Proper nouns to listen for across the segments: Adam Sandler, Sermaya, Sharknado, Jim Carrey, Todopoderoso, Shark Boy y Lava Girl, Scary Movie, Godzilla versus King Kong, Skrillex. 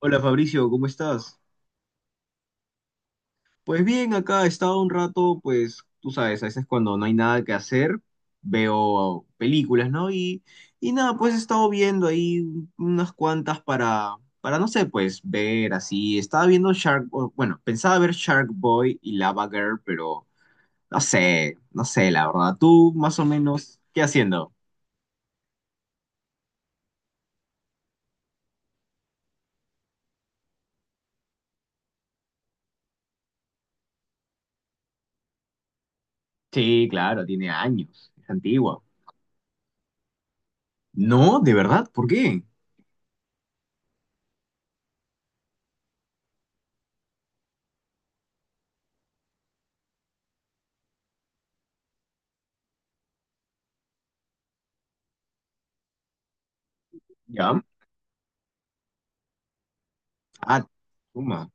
Hola Fabricio, ¿cómo estás? Pues bien, acá he estado un rato, pues tú sabes, a veces cuando no hay nada que hacer, veo películas, ¿no? Y nada, pues he estado viendo ahí unas cuantas para, no sé, pues ver así. Estaba viendo bueno, pensaba ver Shark Boy y Lava Girl, pero no sé, la verdad. ¿Tú más o menos qué haciendo? Sí, claro, tiene años, es antigua. No, de verdad, ¿por qué? Ya. Ah, suma.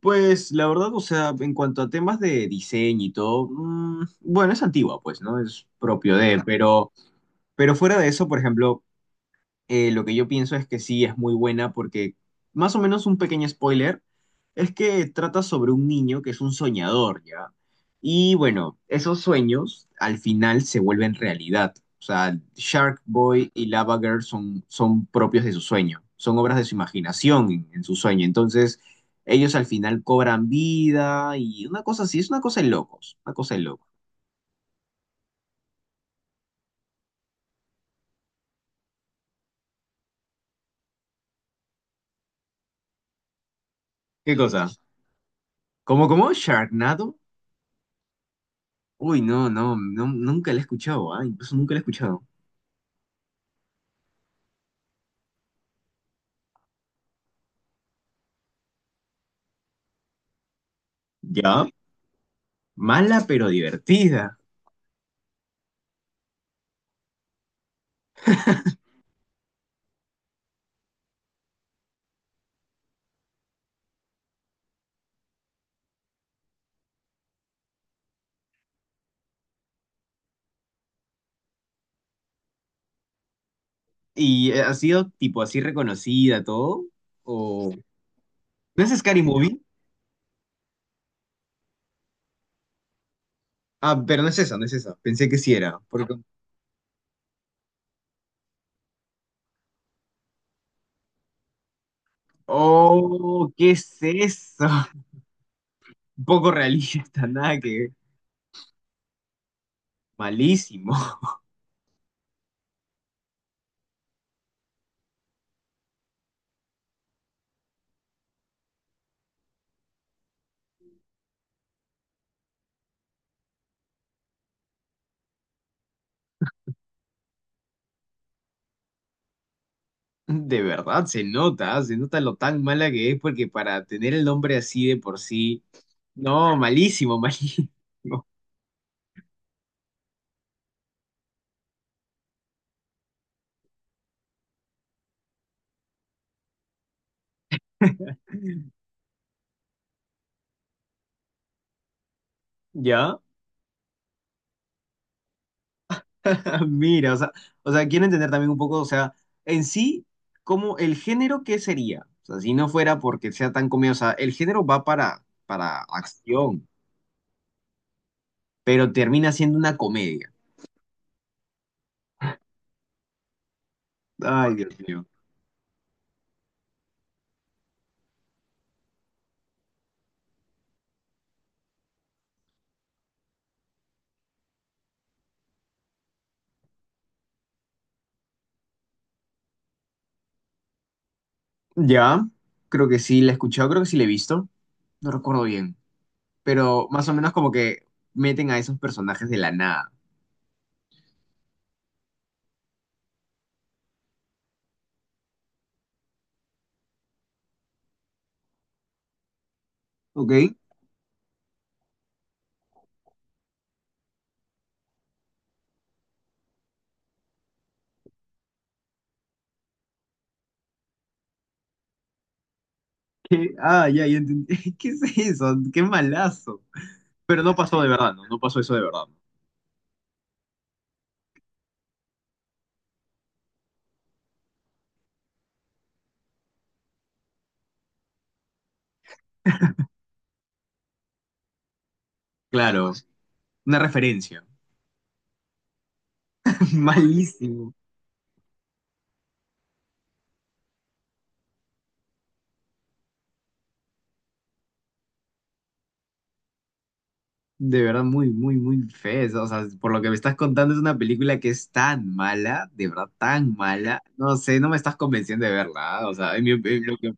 Pues la verdad, o sea, en cuanto a temas de diseño y todo, bueno, es antigua, pues, ¿no? Es propio de, pero fuera de eso, por ejemplo, lo que yo pienso es que sí es muy buena porque, más o menos un pequeño spoiler, es que trata sobre un niño que es un soñador, ¿ya? Y bueno, esos sueños al final se vuelven realidad. O sea, Shark Boy y Lava Girl son propios de su sueño, son obras de su imaginación en su sueño. Entonces, ellos al final cobran vida y una cosa así, es una cosa de locos, una cosa de locos. ¿Qué cosa? ¿Cómo? ¿Sharknado? Uy, no, no, no, nunca la he escuchado, ¿ah? Incluso nunca la he escuchado. Ya, mala pero divertida. ¿Y ha sido tipo así reconocida todo? ¿O no es Scary Movie? Ah, pero no es esa, no es esa. Pensé que sí era. Porque... Oh, ¿qué es eso? Poco realista, nada que ver. Malísimo. De verdad, se nota, ¿ah? Se nota lo tan mala que es, porque para tener el nombre así de por sí. No, malísimo, malísimo. ¿Ya? Mira, o sea, quiero entender también un poco, o sea, en sí, como el género, ¿qué sería? O sea, si no fuera porque sea tan comedia, o sea, el género va para acción, pero termina siendo una comedia. Ay, Dios mío. Ya, creo que sí la he escuchado, creo que sí la he visto, no recuerdo bien, pero más o menos como que meten a esos personajes de la nada, ¿ok? ¿Qué? Ah, ya entendí. ¿Qué es eso? ¡Qué malazo! Pero no pasó de verdad, ¿no? No pasó eso de verdad, ¿no? Claro, una referencia. Malísimo. De verdad, muy feo. O sea, por lo que me estás contando, es una película que es tan mala, de verdad, tan mala. No sé, no me estás convenciendo de verla. O sea, en lo que...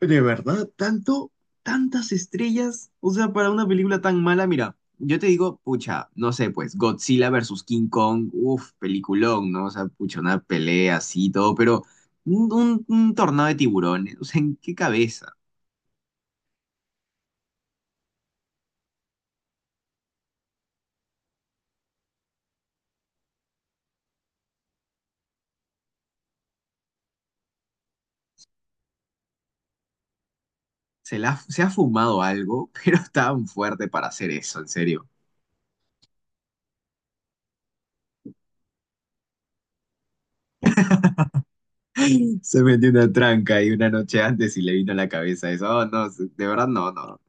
De verdad, tanto, tantas estrellas. O sea, para una película tan mala, mira, yo te digo, pucha, no sé, pues, Godzilla versus King Kong, uff, peliculón, ¿no? O sea, pucha, una pelea así y todo, pero un tornado de tiburones. O sea, ¿en qué cabeza? Se ha fumado algo, pero tan fuerte para hacer eso, en serio. Se metió una tranca y una noche antes y le vino a la cabeza eso. Oh, no, de verdad no, no.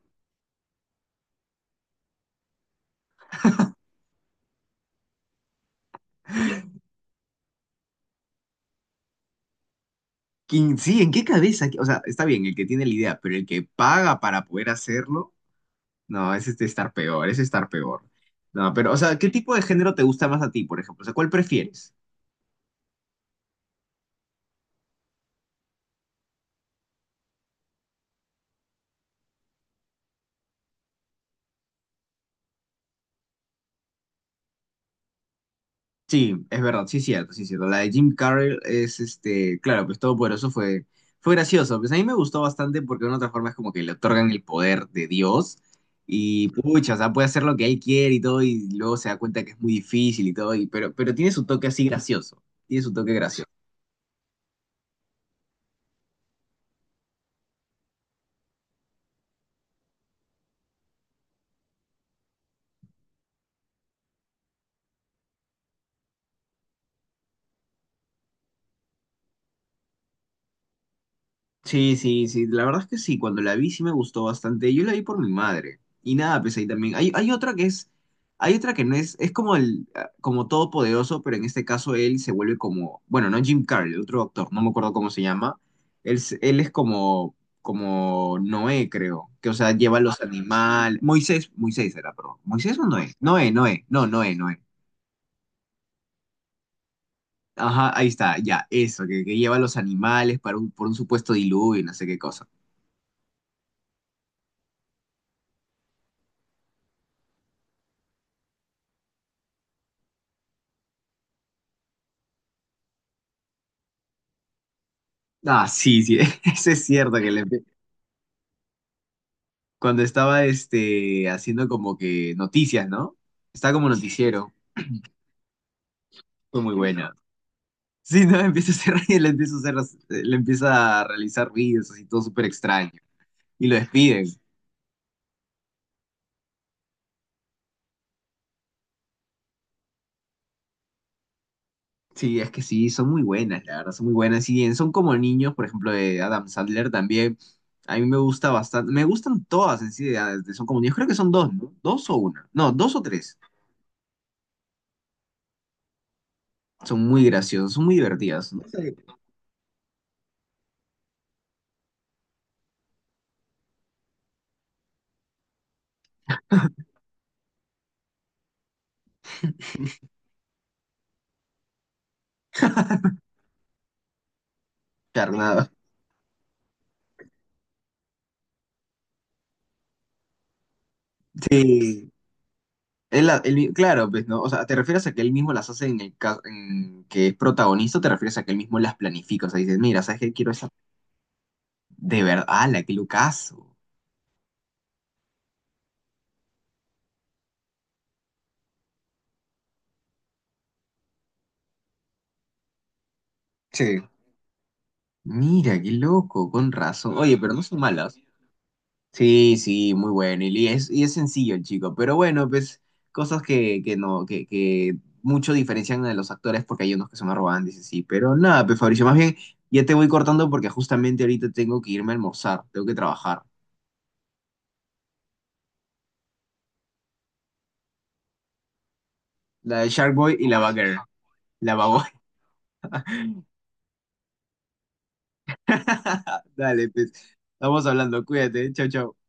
¿Quién, sí, en qué cabeza? O sea, está bien el que tiene la idea, pero el que paga para poder hacerlo, no, ese es estar peor, ese es estar peor. No, pero, o sea, ¿qué tipo de género te gusta más a ti, por ejemplo? O sea, ¿cuál prefieres? Sí, es verdad, sí, cierto, sí, cierto. La de Jim Carrey es, este, claro, pues Todopoderoso fue gracioso. Pues a mí me gustó bastante porque de una otra forma es como que le otorgan el poder de Dios y, pucha, o sea, puede hacer lo que él quiere y todo y luego se da cuenta que es muy difícil y todo, pero tiene su toque así gracioso, tiene su toque gracioso. Sí, sí, sí, la verdad es que sí, cuando la vi sí me gustó bastante. Yo la vi por mi madre. Y nada, pues ahí también. Hay otra que es, hay otra que no es, es como como todopoderoso, pero en este caso él se vuelve como, bueno, no Jim Carrey, el otro actor, no me acuerdo cómo se llama. Él es como, como Noé, creo, que o sea, lleva los animales. Moisés era, perdón. ¿Moisés o Noé? Noé, Noé, no, Noé, Noé. Ajá, ahí está, ya, eso, que lleva los animales para un, por un supuesto diluvio y no sé qué cosa. Ah, sí, sí, eso es cierto que cuando estaba este haciendo como que noticias, ¿no? Estaba como noticiero, fue muy buena. Sí, no, empieza a hacer le empieza a hacer, le empieza a realizar vídeos así todo súper extraño y lo despiden. Sí, es que sí, son muy buenas, la verdad, son muy buenas. Y bien, son como niños, por ejemplo, de Adam Sandler también. A mí me gusta bastante, me gustan todas en sí, son como niños, creo que son dos, ¿no? Dos o una, no, dos o tres. Son muy graciosas, son muy divertidas, no sé, carnada. Él, la- él mi- claro, pues, ¿no? O sea, ¿te refieres a que él mismo las hace en el caso en que es protagonista o te refieres a que él mismo las planifica? O sea, dices, mira, ¿sabes qué? Quiero esa... De verdad, ¡hala, qué locazo! Sí. Mira, qué loco, con razón. Oye, pero no son malas. Sí, sí, muy bueno. Y es sencillo el chico. Pero bueno, pues cosas que no, que mucho diferencian a los actores porque hay unos que son arrogantes y sí. Pero nada, pues Fabricio, más bien ya te voy cortando porque justamente ahorita tengo que irme a almorzar. Tengo que trabajar. La de Shark Boy y la Bagger. La babona. Dale, pues. Estamos hablando. Cuídate. Chau, chau.